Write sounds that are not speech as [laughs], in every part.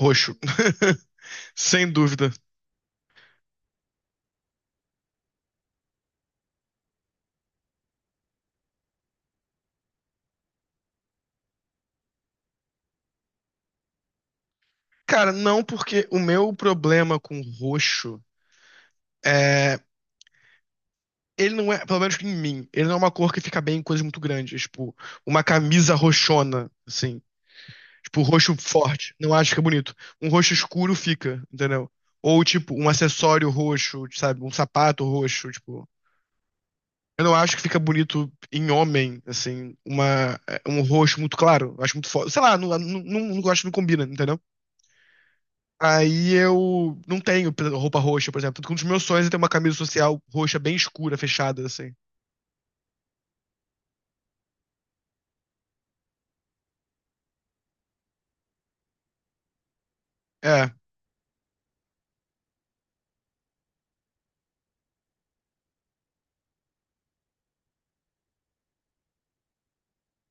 Roxo. [laughs] Sem dúvida. Cara, não, porque o meu problema com roxo é. Ele não é, pelo menos em mim, ele não é uma cor que fica bem em coisas muito grandes. Tipo, uma camisa roxona, assim. Tipo, roxo forte. Não acho que é bonito. Um roxo escuro fica, entendeu? Ou, tipo, um acessório roxo, sabe? Um sapato roxo, tipo. Eu não acho que fica bonito em homem, assim, uma, é, um roxo muito claro. Eu acho muito forte. Sei lá, não gosto, não combina, entendeu? Aí eu não tenho roupa roxa, por exemplo. Tanto um dos meus sonhos é ter uma camisa social roxa bem escura, fechada, assim. É.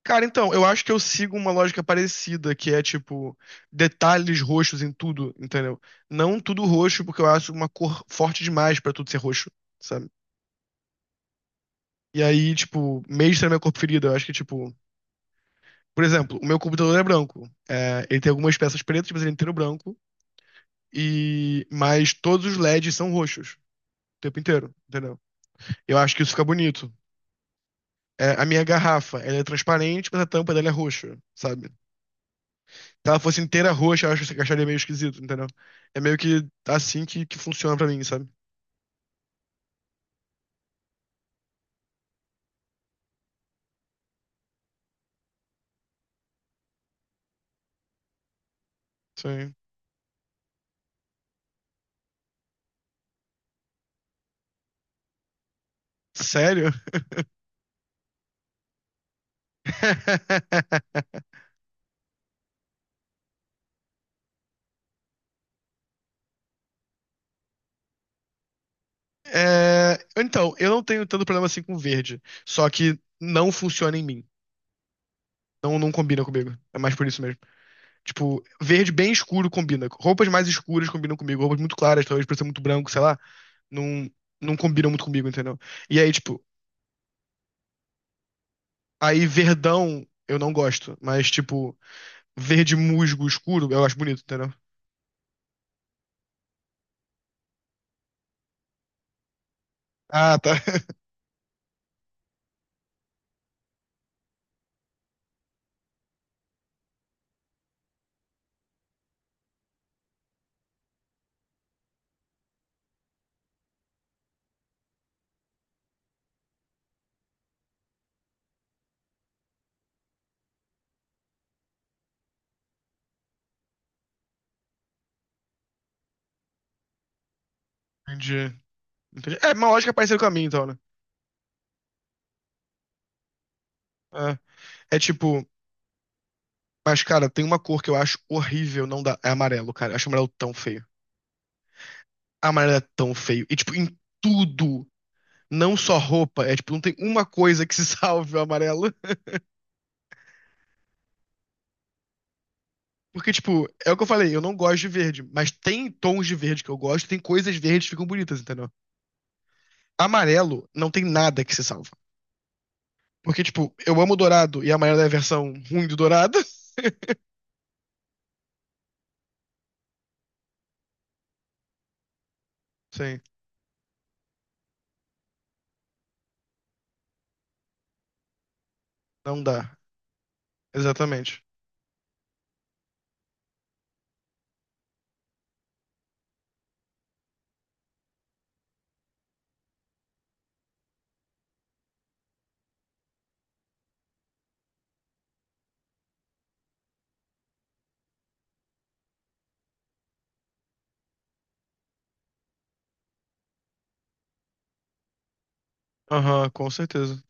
Cara, então, eu acho que eu sigo uma lógica parecida, que é tipo, detalhes roxos em tudo, entendeu? Não tudo roxo, porque eu acho uma cor forte demais pra tudo ser roxo, sabe? E aí, tipo, mesmo na minha cor preferida, eu acho que, tipo, por exemplo, o meu computador é branco. É, ele tem algumas peças pretas, mas ele é inteiro branco. E... mas todos os LEDs são roxos, o tempo inteiro, entendeu? Eu acho que isso fica bonito. É, a minha garrafa, ela é transparente, mas a tampa dela é roxa, sabe? Se ela fosse inteira roxa, eu acho que acharia meio esquisito, entendeu? É meio que assim que funciona pra mim, sabe? Sim. Sério? [laughs] É, então, eu não tenho tanto problema assim com verde. Só que não funciona em mim. Não, não combina comigo. É mais por isso mesmo. Tipo, verde bem escuro combina. Roupas mais escuras combinam comigo. Roupas muito claras, talvez por ser muito branco, sei lá. Não, não combinam muito comigo, entendeu? E aí, tipo, aí verdão eu não gosto, mas tipo, verde musgo escuro eu acho bonito, entendeu? Ah, tá. [laughs] Entendi. Entendi. É uma lógica parecida com a minha, então, né? É, é tipo, mas cara, tem uma cor que eu acho horrível, não dá. É amarelo, cara. Eu acho amarelo tão feio. Amarelo é tão feio. E tipo, em tudo, não só roupa, é tipo, não tem uma coisa que se [laughs] salve o amarelo. Porque, tipo, é o que eu falei, eu não gosto de verde, mas tem tons de verde que eu gosto, tem coisas verdes que ficam bonitas, entendeu? Amarelo não tem nada que se salve. Porque, tipo, eu amo dourado e a Mayra é a versão ruim do dourado. [laughs] Sim, não dá. Exatamente. Aham, com certeza.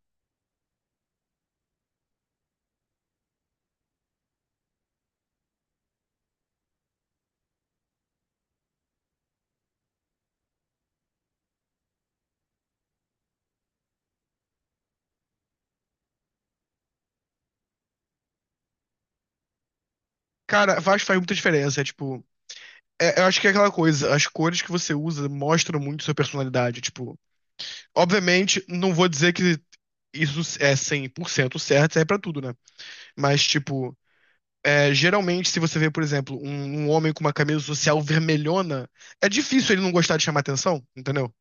Cara, faz muita diferença. É tipo. Eu acho que é aquela coisa, as cores que você usa mostram muito sua personalidade. Tipo, obviamente, não vou dizer que isso é 100% certo, serve pra tudo, né? Mas, tipo, é, geralmente, se você vê, por exemplo, um homem com uma camisa social vermelhona, é difícil ele não gostar de chamar atenção, entendeu?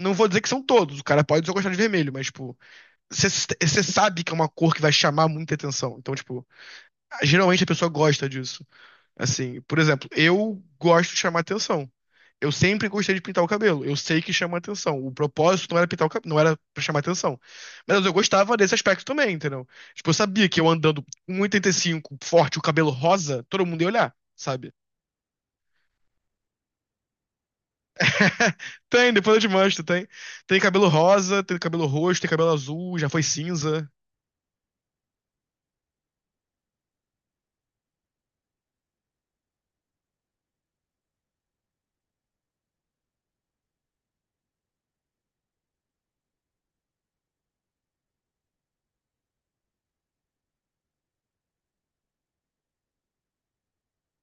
Não vou dizer que são todos, o cara pode só gostar de vermelho, mas, tipo, você sabe que é uma cor que vai chamar muita atenção. Então, tipo, geralmente a pessoa gosta disso. Assim, por exemplo, eu gosto de chamar atenção. Eu sempre gostei de pintar o cabelo. Eu sei que chama atenção. O propósito não era pintar o cabelo, não era pra chamar atenção. Mas eu gostava desse aspecto também, entendeu? Tipo, eu sabia que eu andando com 1,85 forte, o cabelo rosa, todo mundo ia olhar, sabe? [laughs] Tem, depois eu te mostro, tem. Tem cabelo rosa, tem cabelo roxo, tem cabelo azul, já foi cinza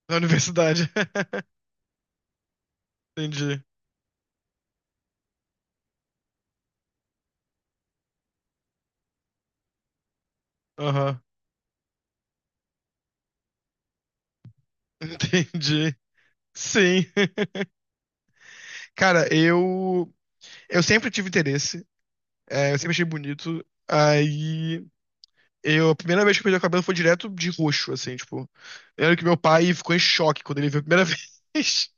na universidade. [laughs] Entendi. Aham. [laughs] Entendi. Sim. Cara, eu sempre tive interesse, é, eu sempre achei bonito. Aí eu a primeira vez que eu pintei o cabelo foi direto de roxo, assim, tipo. Eu lembro que meu pai ficou em choque quando ele viu a primeira [laughs] vez.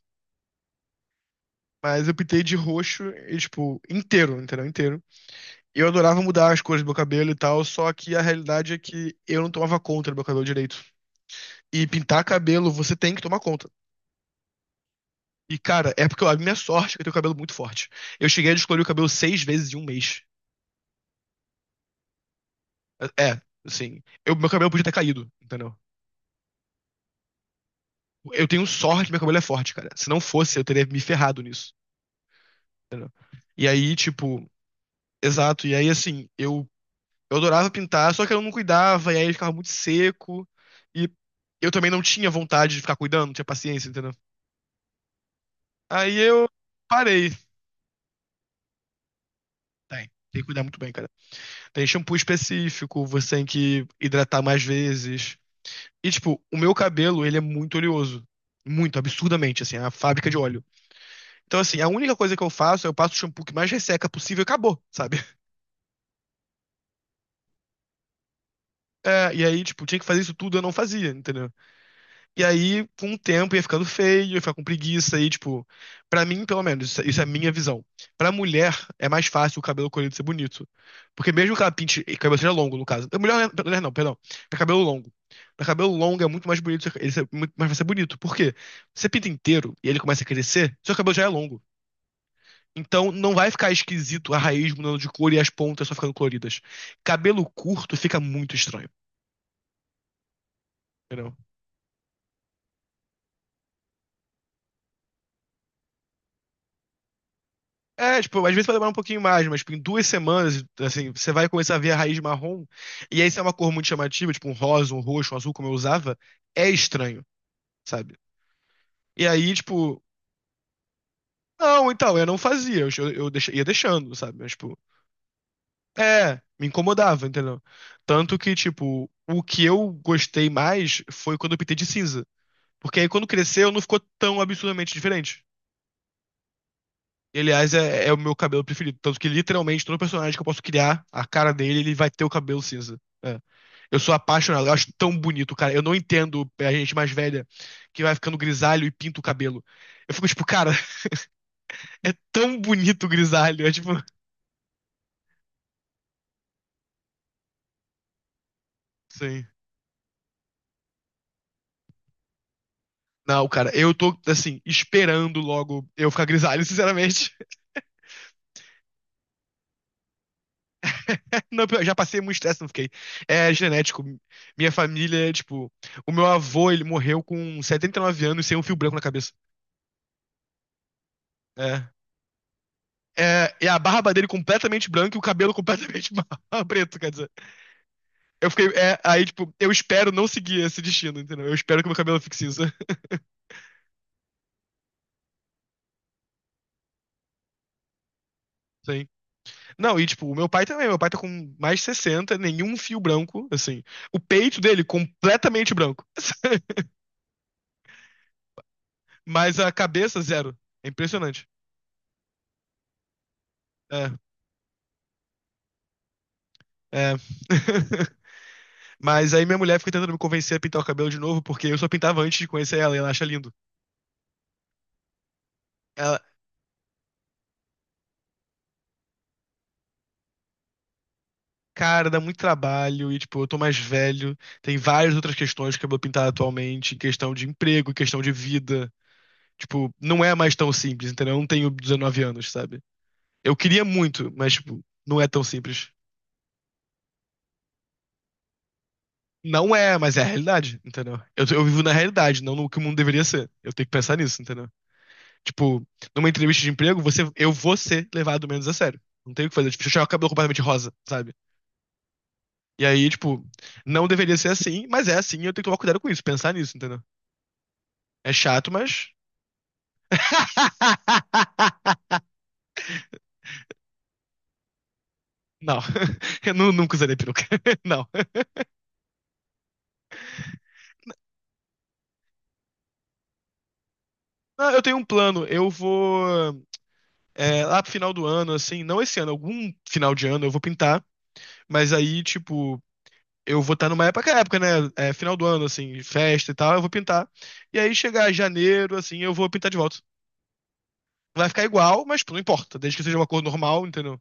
Mas eu pintei de roxo e, tipo, inteiro, entendeu? Inteiro. Eu adorava mudar as cores do meu cabelo e tal, só que a realidade é que eu não tomava conta do meu cabelo direito. E pintar cabelo, você tem que tomar conta. E, cara, é porque a minha sorte é que eu tenho cabelo muito forte. Eu cheguei a descolorir o cabelo 6 vezes em um mês. É, assim, eu, meu cabelo podia ter caído, entendeu? Eu tenho sorte que meu cabelo é forte, cara. Se não fosse, eu teria me ferrado nisso. E aí, tipo, exato. E aí, assim, eu adorava pintar, só que eu não cuidava, e aí ele ficava muito seco. E eu também não tinha vontade de ficar cuidando, não tinha paciência, entendeu? Aí eu parei. Tem que cuidar muito bem, cara. Tem shampoo específico, você tem que hidratar mais vezes. E, tipo, o meu cabelo, ele é muito oleoso. Muito, absurdamente, assim, é a fábrica de óleo. Então, assim, a única coisa que eu faço é eu passo o shampoo que mais resseca possível e acabou, sabe? [laughs] É, e aí, tipo, tinha que fazer isso tudo, eu não fazia, entendeu? E aí, com o tempo, ia ficando feio, ia ficar com preguiça, e, tipo, pra mim, pelo menos, isso é a minha visão. Pra mulher, é mais fácil o cabelo colorido ser bonito. Porque mesmo que ela pinte, e cabelo seja longo, no caso. Mulher, mulher não, perdão. Pra cabelo longo. Pra cabelo longo é muito mais bonito, ele ser, muito mais vai ser bonito. Por quê? Você pinta inteiro e ele começa a crescer, seu cabelo já é longo. Então não vai ficar esquisito a raiz mudando de cor e as pontas só ficando coloridas. Cabelo curto fica muito estranho, entendeu? É, tipo, às vezes vai demorar um pouquinho mais, mas tipo, em 2 semanas, assim, você vai começar a ver a raiz marrom. E aí, se é uma cor muito chamativa, tipo um rosa, um roxo, um azul, como eu usava, é estranho, sabe? E aí, tipo, não, então, eu não fazia, eu, ia deixando, sabe? Mas, tipo, é, me incomodava, entendeu? Tanto que, tipo, o que eu gostei mais foi quando eu pintei de cinza. Porque aí quando cresceu não ficou tão absurdamente diferente. E, aliás, é o meu cabelo preferido. Tanto que literalmente todo personagem que eu posso criar, a cara dele, ele vai ter o cabelo cinza. É. Eu sou apaixonado, eu acho tão bonito, cara. Eu não entendo a gente mais velha que vai ficando grisalho e pinta o cabelo. Eu fico tipo, cara, [laughs] é tão bonito o grisalho. É tipo, sim. Não, cara, eu tô, assim, esperando logo eu ficar grisalho, sinceramente. Não, eu já passei muito estresse, não fiquei. É genético. Minha família, tipo, o meu avô, ele morreu com 79 anos sem um fio branco na cabeça. É. É, e a barba dele completamente branca e o cabelo completamente [laughs] preto, quer dizer. Eu fiquei. É, aí, tipo, eu espero não seguir esse destino, entendeu? Eu espero que meu cabelo fique cinza. [laughs] Sim. Não, e tipo, o meu pai também. Meu pai tá com mais de 60 nenhum fio branco, assim. O peito dele completamente branco, mas a cabeça zero. É impressionante. É, é. [laughs] Mas aí minha mulher fica tentando me convencer a pintar o cabelo de novo, porque eu só pintava antes de conhecer ela e ela acha lindo. Ela, cara, dá muito trabalho e, tipo, eu tô mais velho. Tem várias outras questões de cabelo pintado atualmente, questão de emprego, questão de vida. Tipo, não é mais tão simples, entendeu? Eu não tenho 19 anos, sabe? Eu queria muito, mas, tipo, não é tão simples. Não é, mas é a realidade, entendeu? Eu vivo na realidade, não no que o mundo deveria ser. Eu tenho que pensar nisso, entendeu? Tipo, numa entrevista de emprego, você, eu vou ser levado menos a sério. Não tem o que fazer. Tipo, se eu chegar com o cabelo completamente rosa, sabe? E aí, tipo, não deveria ser assim, mas é assim e eu tenho que tomar cuidado com isso, pensar nisso, entendeu? É chato, mas. [laughs] Não, [laughs] eu nunca usarei peruca. [laughs] Não. Não, eu tenho um plano. Eu vou. É, lá pro final do ano, assim, não esse ano, algum final de ano eu vou pintar. Mas aí, tipo, eu vou estar numa época, né? É, final do ano, assim, festa e tal, eu vou pintar. E aí chegar janeiro, assim, eu vou pintar de volta. Vai ficar igual, mas pô, não importa, desde que seja uma cor normal, entendeu?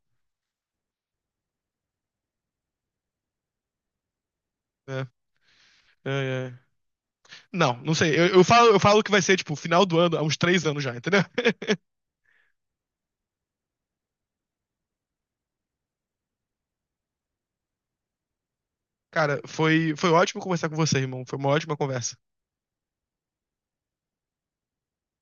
É, é, é. Não, não sei. Eu falo que vai ser, tipo, final do ano, há uns 3 anos já, entendeu? [laughs] Cara, foi ótimo conversar com você, irmão. Foi uma ótima conversa.